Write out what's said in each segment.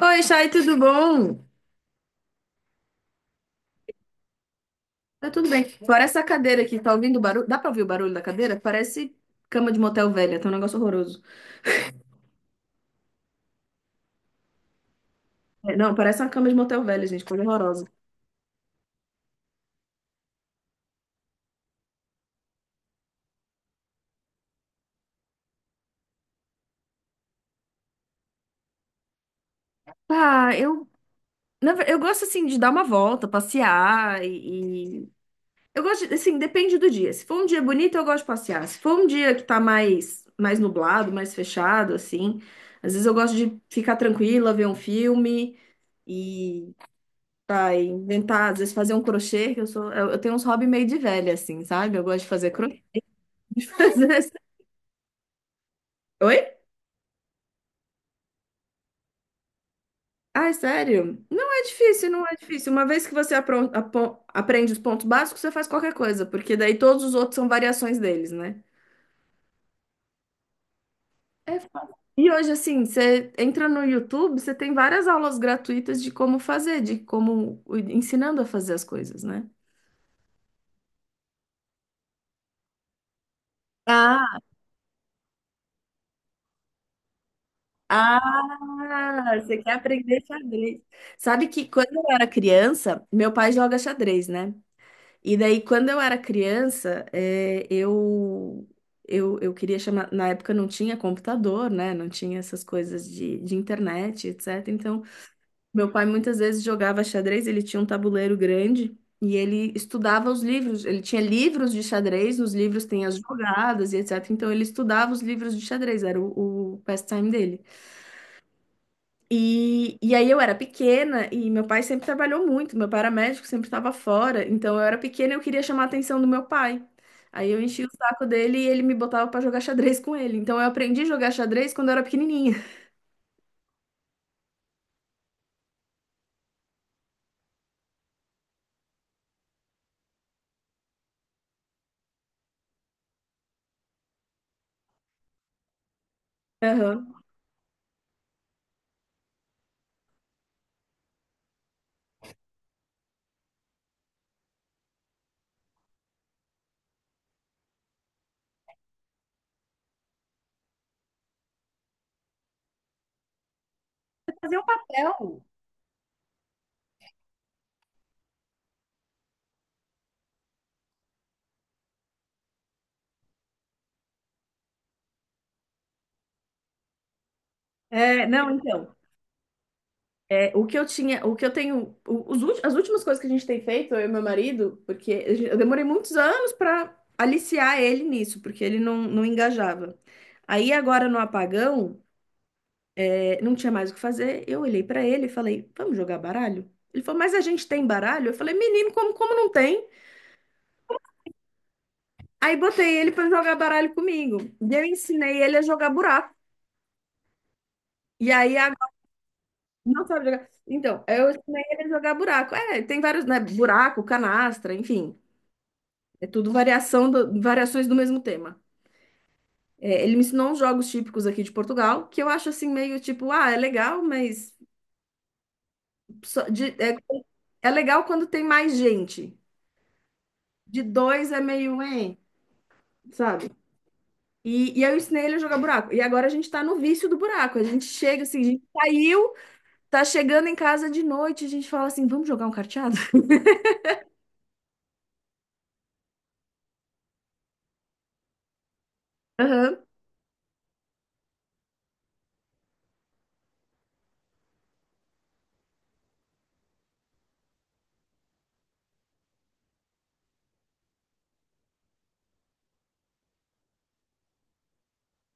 Oi, Chay, tudo bom? Tá tudo bem. Fora essa cadeira aqui, tá ouvindo o barulho? Dá pra ouvir o barulho da cadeira? Parece cama de motel velha, tá um negócio horroroso. É, não, parece uma cama de motel velha, gente, coisa horrorosa. Ah, eu, eu gosto assim de dar uma volta, passear assim, depende do dia. Se for um dia bonito, eu gosto de passear. Se for um dia que tá mais nublado, mais fechado assim, às vezes eu gosto de ficar tranquila, ver um filme. Tá, inventar, às vezes fazer um crochê, que eu sou. Eu tenho uns hobby meio de velha, assim, sabe? Eu gosto de fazer crochê. de fazer- Oi? Ai, sério? Não é difícil, não é difícil. Uma vez que você aprende os pontos básicos, você faz qualquer coisa, porque daí todos os outros são variações deles, né? É fácil. E hoje, assim, você entra no YouTube, você tem várias aulas gratuitas de como fazer, de como ensinando a fazer as coisas, né? Ah, ah. Ah, você quer aprender xadrez. Sabe que quando eu era criança, meu pai joga xadrez, né? E daí, quando eu era criança, eu queria chamar. Na época não tinha computador, né? Não tinha essas coisas de internet, etc. Então, meu pai muitas vezes jogava xadrez, ele tinha um tabuleiro grande. E ele estudava os livros, ele tinha livros de xadrez, nos livros tem as jogadas e etc. Então ele estudava os livros de xadrez, era o pastime dele. E aí eu era pequena e meu pai sempre trabalhou muito, meu pai era médico, sempre estava fora, então eu era pequena e eu queria chamar a atenção do meu pai. Aí eu enchia o saco dele e ele me botava pra jogar xadrez com ele. Então eu aprendi a jogar xadrez quando eu era pequenininha. Aham. Não. É, não, então, é, o que eu tinha, o que eu tenho, as últimas coisas que a gente tem feito, eu e meu marido, porque eu demorei muitos anos para aliciar ele nisso, porque ele não, não engajava. Aí agora no apagão. Não tinha mais o que fazer. Eu olhei pra ele e falei: "Vamos jogar baralho?" Ele falou: "Mas a gente tem baralho?" Eu falei: "Menino, como não tem?" Aí botei ele pra jogar baralho comigo. E eu ensinei ele a jogar buraco. E aí agora não sabe jogar. Então, eu ensinei ele a jogar buraco. É, tem vários, né, buraco, canastra, enfim. É tudo variações do mesmo tema. É, ele me ensinou uns jogos típicos aqui de Portugal, que eu acho assim meio tipo, ah, é legal, mas só de- é, é legal quando tem mais gente. De dois é meio, hein? Sabe? E eu ensinei ele a jogar buraco. E agora a gente tá no vício do buraco. A gente chega assim, a gente saiu, tá chegando em casa de noite, a gente fala assim, vamos jogar um carteado? Aham.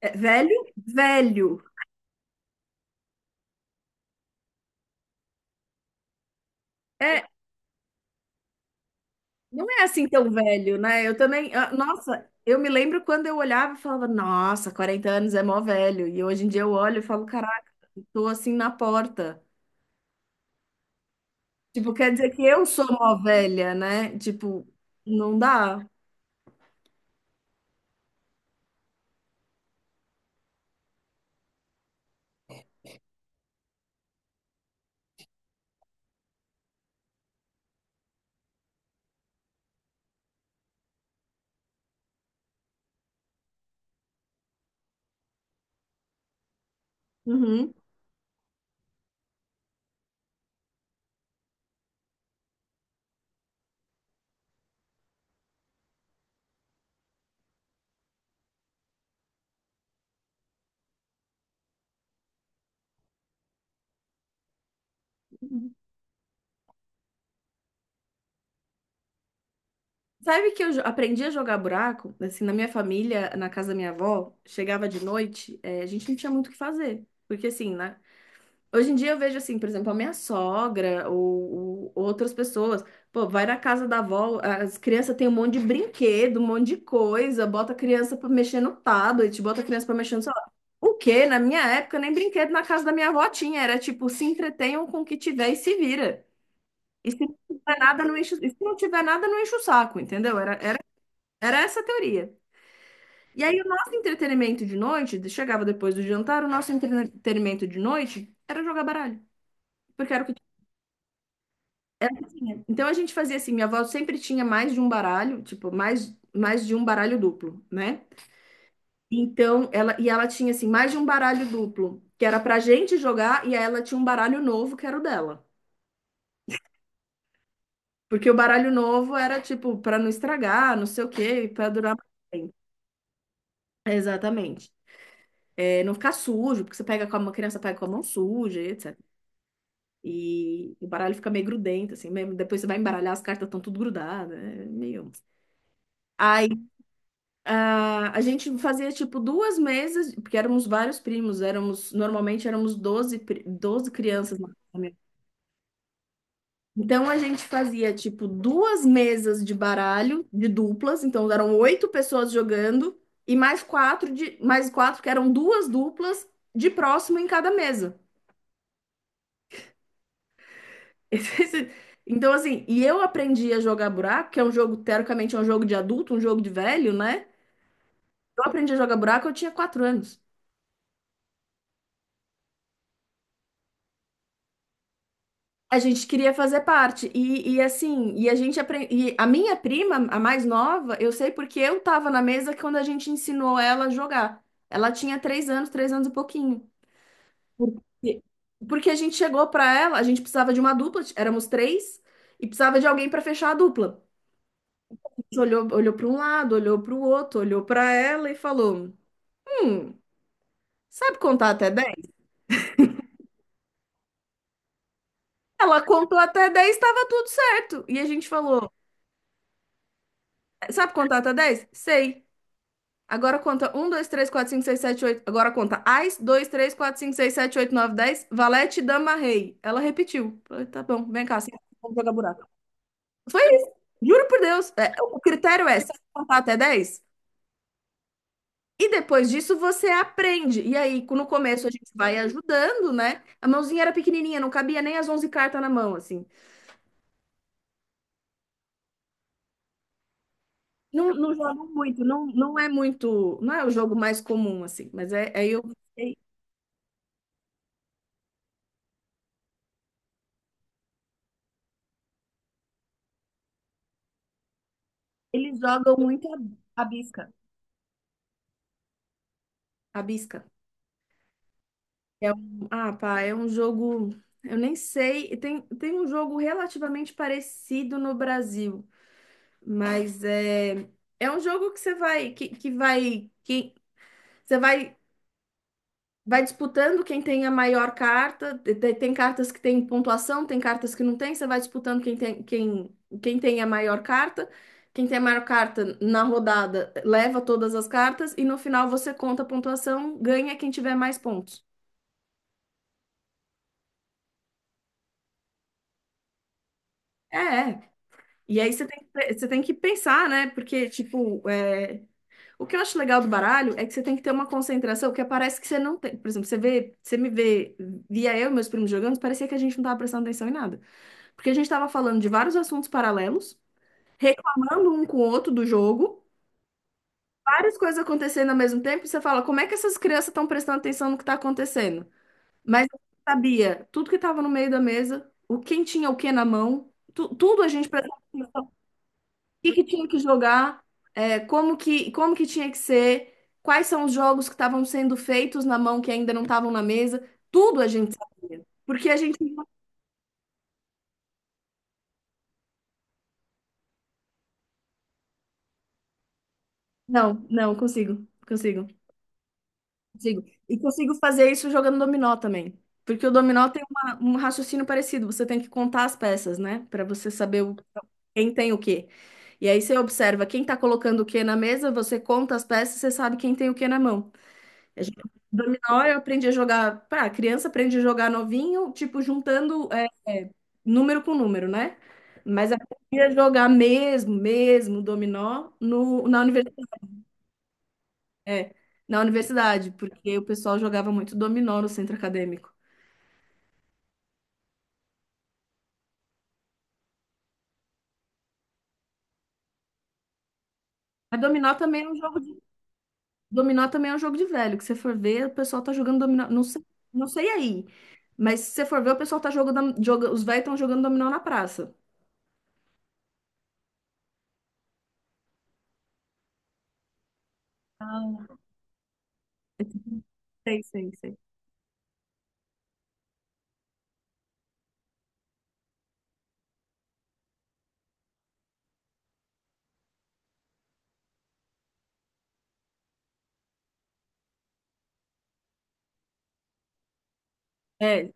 É, velho? Velho. É, não é assim tão velho, né? Eu também, ah, nossa, eu me lembro quando eu olhava e falava, nossa, 40 anos é mó velho. E hoje em dia eu olho e falo, caralho, tô assim na porta. Tipo, quer dizer que eu sou mó velha, né? Tipo, não dá. Uhum. Sabe que aprendi a jogar buraco? Assim, na minha família, na casa da minha avó, chegava de noite, a gente não tinha muito o que fazer. Porque assim, né? Hoje em dia eu vejo assim, por exemplo, a minha sogra ou outras pessoas. Pô, vai na casa da avó, as crianças têm um monte de brinquedo, um monte de coisa, bota a criança pra mexer no tablet, bota a criança pra mexer no celular. O quê? Na minha época, nem brinquedo na casa da minha avó tinha. Era tipo, se entretenham com o que tiver e se vira. E se não tiver nada, não enche, e se não tiver nada, não enche o saco, entendeu? Era essa a teoria. E aí, o nosso entretenimento de noite, chegava depois do jantar, o nosso entretenimento de noite era jogar baralho, porque era o que tinha. Então, a gente fazia assim: minha avó sempre tinha mais de um baralho, tipo, mais de um baralho duplo, né? Então, e ela tinha assim, mais de um baralho duplo, que era pra gente jogar, e aí ela tinha um baralho novo, que era o dela. Porque o baralho novo era tipo, pra não estragar, não sei o quê, pra durar mais tempo. Exatamente. É, não ficar sujo, porque você pega com a mão, criança pega com a mão suja, etc. E o baralho fica meio grudento, assim, mesmo. Depois você vai embaralhar, as cartas estão tudo grudadas, é meio. Aí a gente fazia tipo duas mesas, porque éramos vários primos, éramos, normalmente éramos 12 crianças na família. Então a gente fazia tipo duas mesas de baralho, de duplas, então eram oito pessoas jogando, e mais quatro que eram duas duplas de próximo em cada mesa. Esse- esse- Então, assim, e eu aprendi a jogar buraco, que é um jogo, teoricamente, é um jogo de adulto, um jogo de velho, né? Eu aprendi a jogar buraco, eu tinha 4 anos. A gente queria fazer parte. E assim, e a gente aprende. E a minha prima, a mais nova, eu sei porque eu tava na mesa quando a gente ensinou ela a jogar. Ela tinha 3 anos, 3 anos e pouquinho. Porque porque a gente chegou pra ela, a gente precisava de uma dupla, éramos três, e precisava de alguém pra fechar a dupla. Olhou, olhou para um lado, olhou para o outro, olhou para ela e falou: hum, sabe contar até 10? Ela contou até 10, estava tudo certo. E a gente falou: sabe contar até 10? Sei. Agora conta um, 2, 3, 4, 5, 6, 7, 8. Agora conta Ás, 2, 3, 4, 5, 6, 7, 8, 9, 10. Valete, dama, rei. Ela repetiu. Falei, tá bom, vem cá, assim, vamos jogar buraco. Foi isso. Juro por Deus. É, o critério é: sabe contar até 10. E depois disso você aprende. E aí, no começo a gente vai ajudando, né? A mãozinha era pequenininha, não cabia nem as 11 cartas na mão, assim. Não, não jogo muito, não, não é muito, não é o jogo mais comum, assim. Mas é, aí eu. É, eles jogam muito a bisca. A bisca. É um, ah, pá, é um jogo. Eu nem sei. Tem um jogo relativamente parecido no Brasil, mas é, é um jogo que você vai, que vai, que você vai disputando quem tem a maior carta. Te- te- tem cartas que tem pontuação, tem cartas que não tem. Você vai disputando quem tem, quem tem a maior carta. Quem tem a maior carta na rodada leva todas as cartas e no final você conta a pontuação, ganha quem tiver mais pontos. É, é. E aí você tem que pensar, né? Porque, tipo, é, o que eu acho legal do baralho é que você tem que ter uma concentração que parece que você não tem. Por exemplo, você vê, você me vê, via eu e meus primos jogando, parecia que a gente não tava prestando atenção em nada. Porque a gente estava falando de vários assuntos paralelos, reclamando um com o outro do jogo, várias coisas acontecendo ao mesmo tempo, e você fala, como é que essas crianças estão prestando atenção no que está acontecendo? Mas eu sabia tudo que estava no meio da mesa, o quem tinha o que na mão, tudo a gente prestava atenção, o que que tinha que jogar, é, como que tinha que ser, quais são os jogos que estavam sendo feitos na mão que ainda não estavam na mesa, tudo a gente sabia. Porque a gente. Não, não, consigo, consigo. Consigo. E consigo fazer isso jogando dominó também. Porque o dominó tem um raciocínio parecido. Você tem que contar as peças, né? Para você saber quem tem o quê. E aí você observa quem tá colocando o quê na mesa, você conta as peças, você sabe quem tem o quê na mão. A gente, dominó eu aprendi a jogar. Pra criança aprende a jogar novinho, tipo, juntando número com número, né? Mas aprendi a jogar mesmo, mesmo dominó no, na universidade. É, na universidade, porque o pessoal jogava muito dominó no centro acadêmico. Mas dominó também é um jogo de, dominó também é um jogo de velho, que você for ver, o pessoal tá jogando dominó, não sei, não sei aí. Mas se você for ver, o pessoal tá jogando, joga, os velhos estão jogando dominó na praça. Ah, sei, sei, sei. É.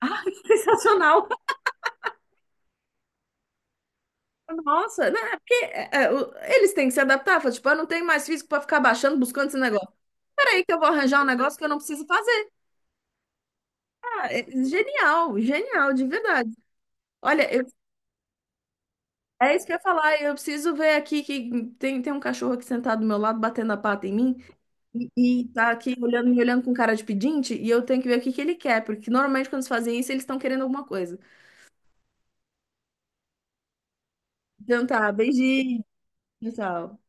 Ah, que sensacional! Nossa, não, é porque é, é, eles têm que se adaptar. Fala, tipo, eu não tenho mais físico pra ficar baixando, buscando esse negócio. Peraí, que eu vou arranjar um negócio que eu não preciso fazer. Ah, é genial, genial, de verdade. Olha, eu é isso que eu ia falar. Eu preciso ver aqui que tem, tem um cachorro aqui sentado do meu lado, batendo a pata em mim, e, e tá aqui olhando, me olhando com cara de pedinte, e eu tenho que ver o que que ele quer, porque normalmente quando eles fazem isso, eles estão querendo alguma coisa. Então tá, beijinho, tchau.